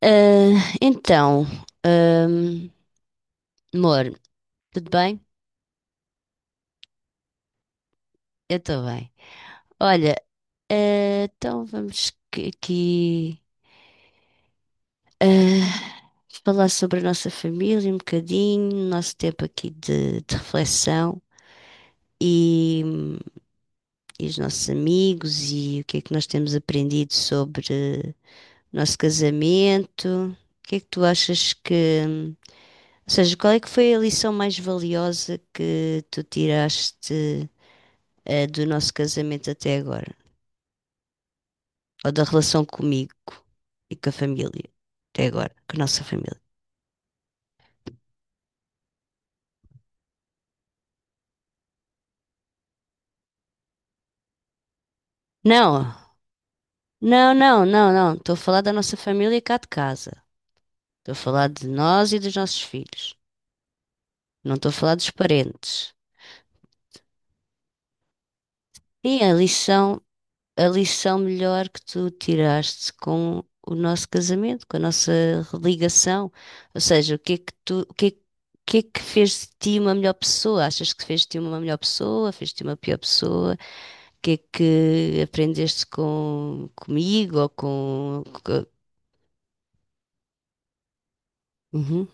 Ah, então, ahm, amor, tudo bem? Eu estou bem. Olha, aqui falar sobre a nossa família um bocadinho, o nosso tempo aqui de reflexão e, e os nossos amigos e o que é que nós temos aprendido sobre o nosso casamento. O que é que tu achas, ou seja, qual é que foi a lição mais valiosa que tu tiraste? Do nosso casamento até agora, ou da relação comigo e com a família, até agora, com a nossa família. Não, não, não, não, não. Estou a falar da nossa família cá de casa. Estou a falar de nós e dos nossos filhos. Não estou a falar dos parentes. E a lição melhor que tu tiraste com o nosso casamento, com a nossa ligação. Ou seja, o que é que o que é que fez de ti uma melhor pessoa? Achas que fez de ti uma melhor pessoa? Fez de ti uma pior pessoa? Que é que aprendeste comigo ou com. Co-, uhum,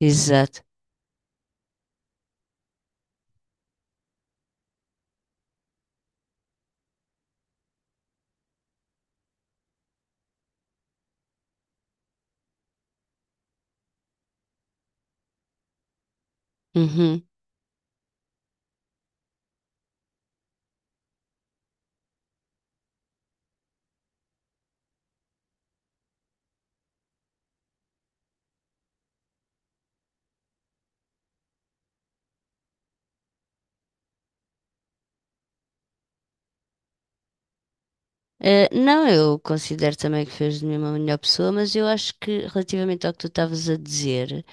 exato. Uhum. Não, eu considero também que fez de mim uma melhor pessoa, mas eu acho que relativamente ao que tu estavas a dizer,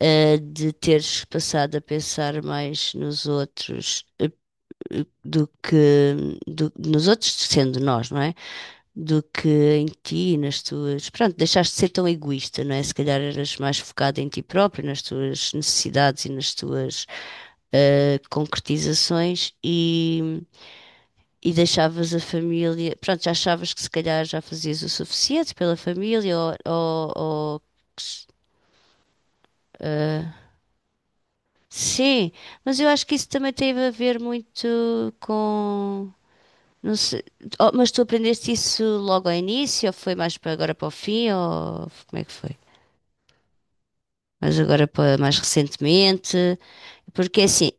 de teres passado a pensar mais nos outros do que do- nos outros sendo nós, não é? Do que em ti, nas tuas. Pronto, deixaste de ser tão egoísta, não é? Se calhar eras mais focada em ti própria, nas tuas necessidades e nas tuas concretizações e deixavas a família. Pronto, já achavas que se calhar já fazias o suficiente pela família ou. Ou- ou eh, sim, mas eu acho que isso também teve a ver muito com. Não sei. Oh, mas tu aprendeste isso logo ao início, ou foi mais para agora para o fim, ou como é que foi? Mas agora para mais recentemente, porque assim,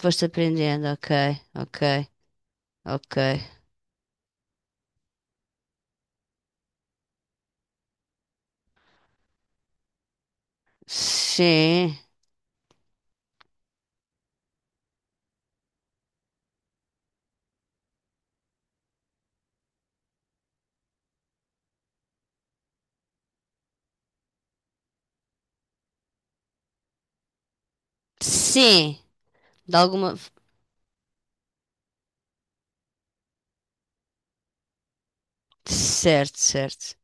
foste aprendendo, ok, ok, ok. Sim, sim, de alguma. Certo, certo.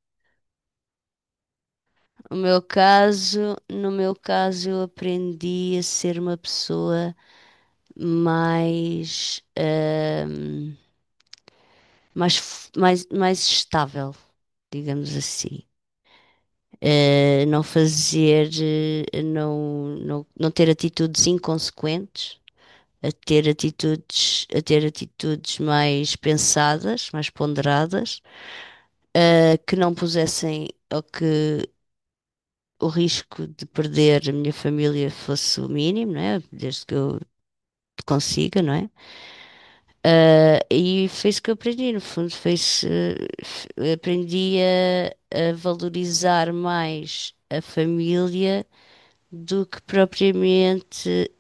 O meu caso, no meu caso, eu aprendi a ser uma pessoa mais, mais, f- mais, mais estável, digamos assim. Não fazer, não ter atitudes inconsequentes, a ter atitudes mais pensadas, mais ponderadas, que não pusessem ou que o risco de perder a minha família fosse o mínimo, não é? Desde que eu consiga, não é? Ah, e foi isso que eu aprendi, no fundo, foi isso, f- aprendi a valorizar mais a família do que propriamente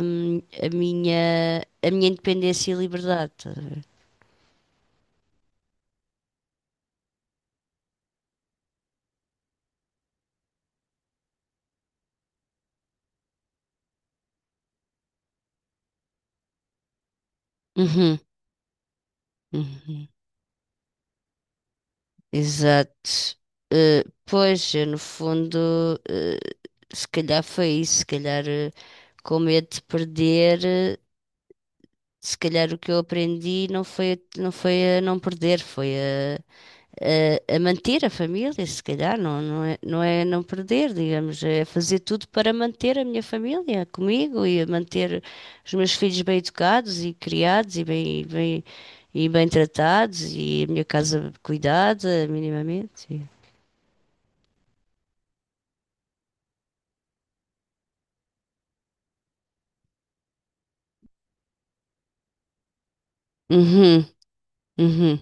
a minha independência e liberdade. Estás a ver? Uhum, uhum. Exato. Pois, eu, no fundo, eh, se calhar foi isso, se calhar com medo de perder, se calhar o que eu aprendi não foi, a- não foi a não perder, foi a manter a família, se calhar, não, não é, não é não perder, digamos, é fazer tudo para manter a minha família comigo e manter os meus filhos bem educados e criados e bem, e bem tratados e a minha casa cuidada minimamente. Uhum, uhum.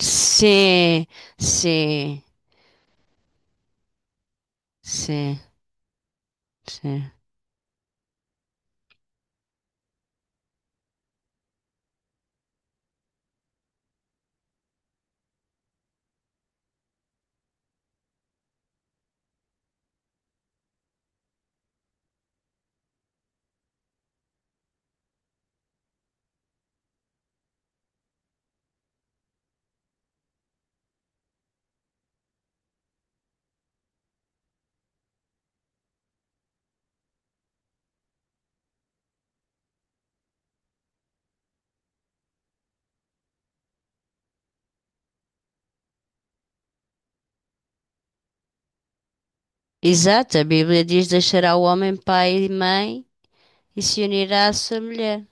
Sim, sim, sim, sim. Exato, a Bíblia diz deixará o homem pai e mãe e se unirá à sua mulher.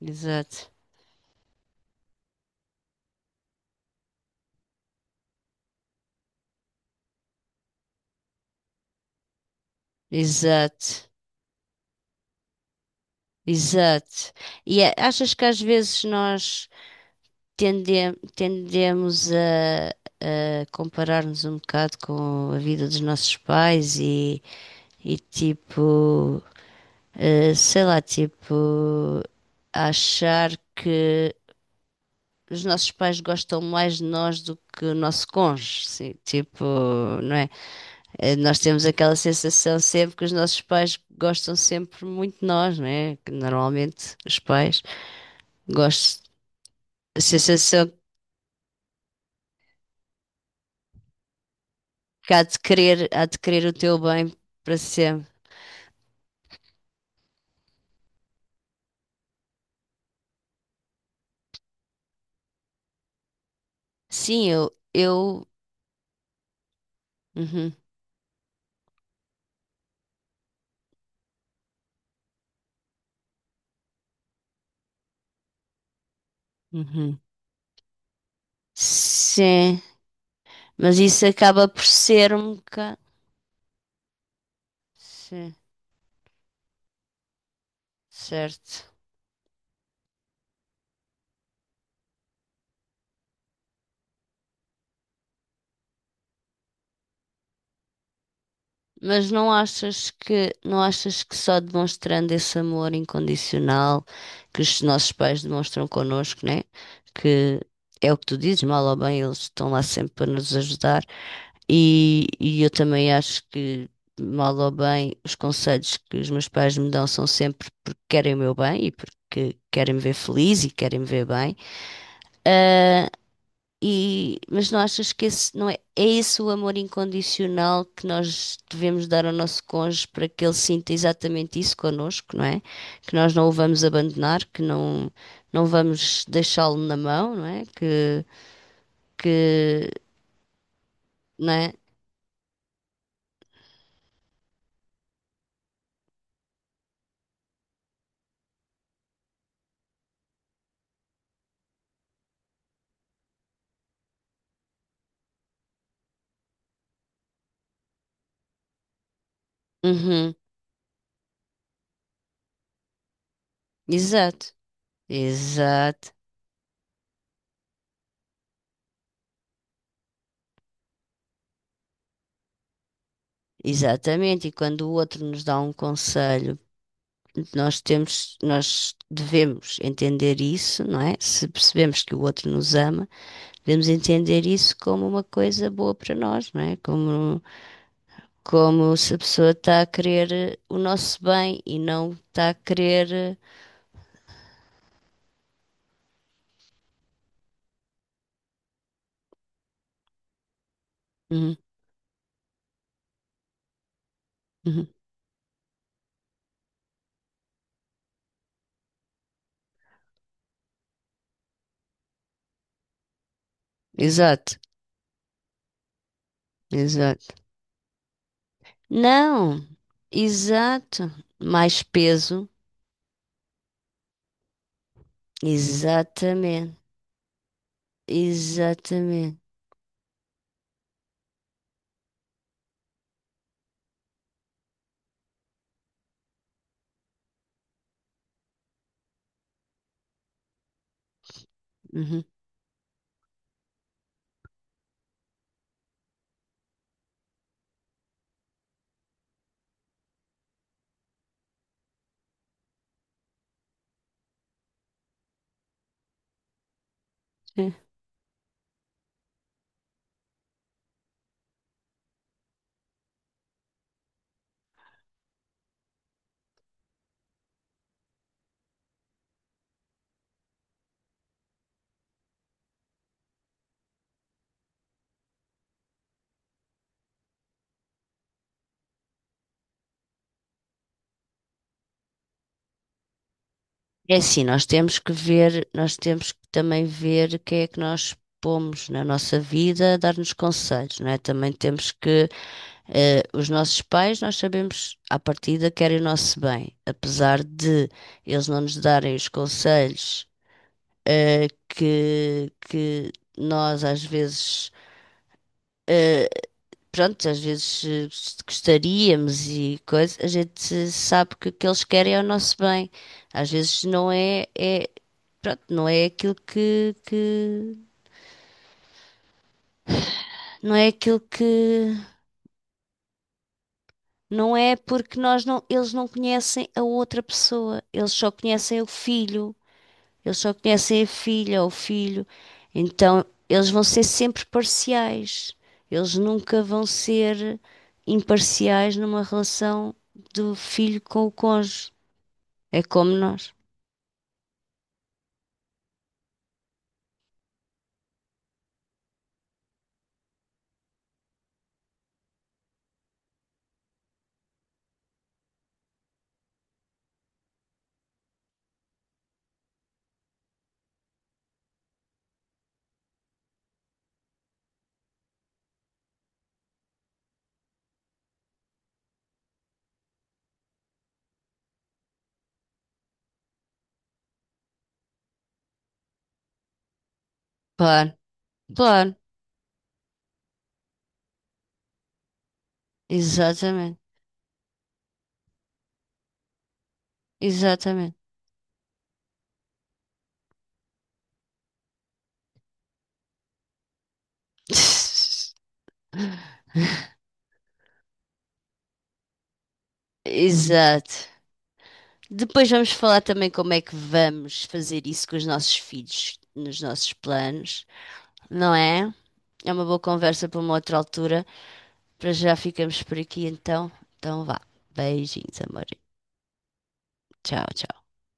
Exato, exato. Exato. E a- achas que às vezes nós tende- tendemos a comparar-nos um bocado com a vida dos nossos pais e tipo, sei lá, tipo, achar que os nossos pais gostam mais de nós do que o nosso cônjuge, sim, tipo, não é? Nós temos aquela sensação sempre que os nossos pais gostam sempre muito de nós, não é? Que normalmente os pais gostam. A sensação que há de querer o teu bem para sempre. Sim, eu, uhum, uhum. Sim, mas isso acaba por ser um bocado, sim, certo. Mas não achas que, não achas que só demonstrando esse amor incondicional que os nossos pais demonstram connosco, né? Que é o que tu dizes, mal ou bem, eles estão lá sempre para nos ajudar. E eu também acho que, mal ou bem, os conselhos que os meus pais me dão são sempre porque querem o meu bem e porque querem me ver feliz e querem me ver bem. Ah, e, mas não achas que esse não é, é esse o amor incondicional que nós devemos dar ao nosso cônjuge para que ele sinta exatamente isso connosco, não é? Que nós não o vamos abandonar, que não, não vamos deixá-lo na mão, não é? Que, não é? Uhum, exato, exato. Exatamente, e quando o outro nos dá um conselho, nós temos, nós devemos entender isso, não é? Se percebemos que o outro nos ama, devemos entender isso como uma coisa boa para nós, não é? Como, como se a pessoa está a querer o nosso bem e não está a querer. Uhum, uhum. Exato, exato. Não, exato. Mais peso, exatamente, exatamente. Uhum. É assim, nós temos que ver, nós temos que também ver quem é que nós pomos na nossa vida a dar-nos conselhos, não é? Também temos que, os nossos pais, nós sabemos à partida querem o nosso bem, apesar de eles não nos darem os conselhos, que nós às vezes eh, pronto, às vezes gostaríamos e coisa, a gente sabe que o que eles querem é o nosso bem. Às vezes não é, é, pronto, não é aquilo que, não é aquilo que, não é porque nós não, eles não conhecem a outra pessoa, eles só conhecem o filho, eles só conhecem a filha ou o filho. Então, eles vão ser sempre parciais. Eles nunca vão ser imparciais numa relação do filho com o cônjuge. É como nós. Claro, claro. Exatamente. Exatamente. Exato. Depois vamos falar também como é que vamos fazer isso com os nossos filhos nos nossos planos, não é? É uma boa conversa para uma outra altura. Para já ficamos por aqui então. Então vá. Beijinhos, amor. Tchau, tchau.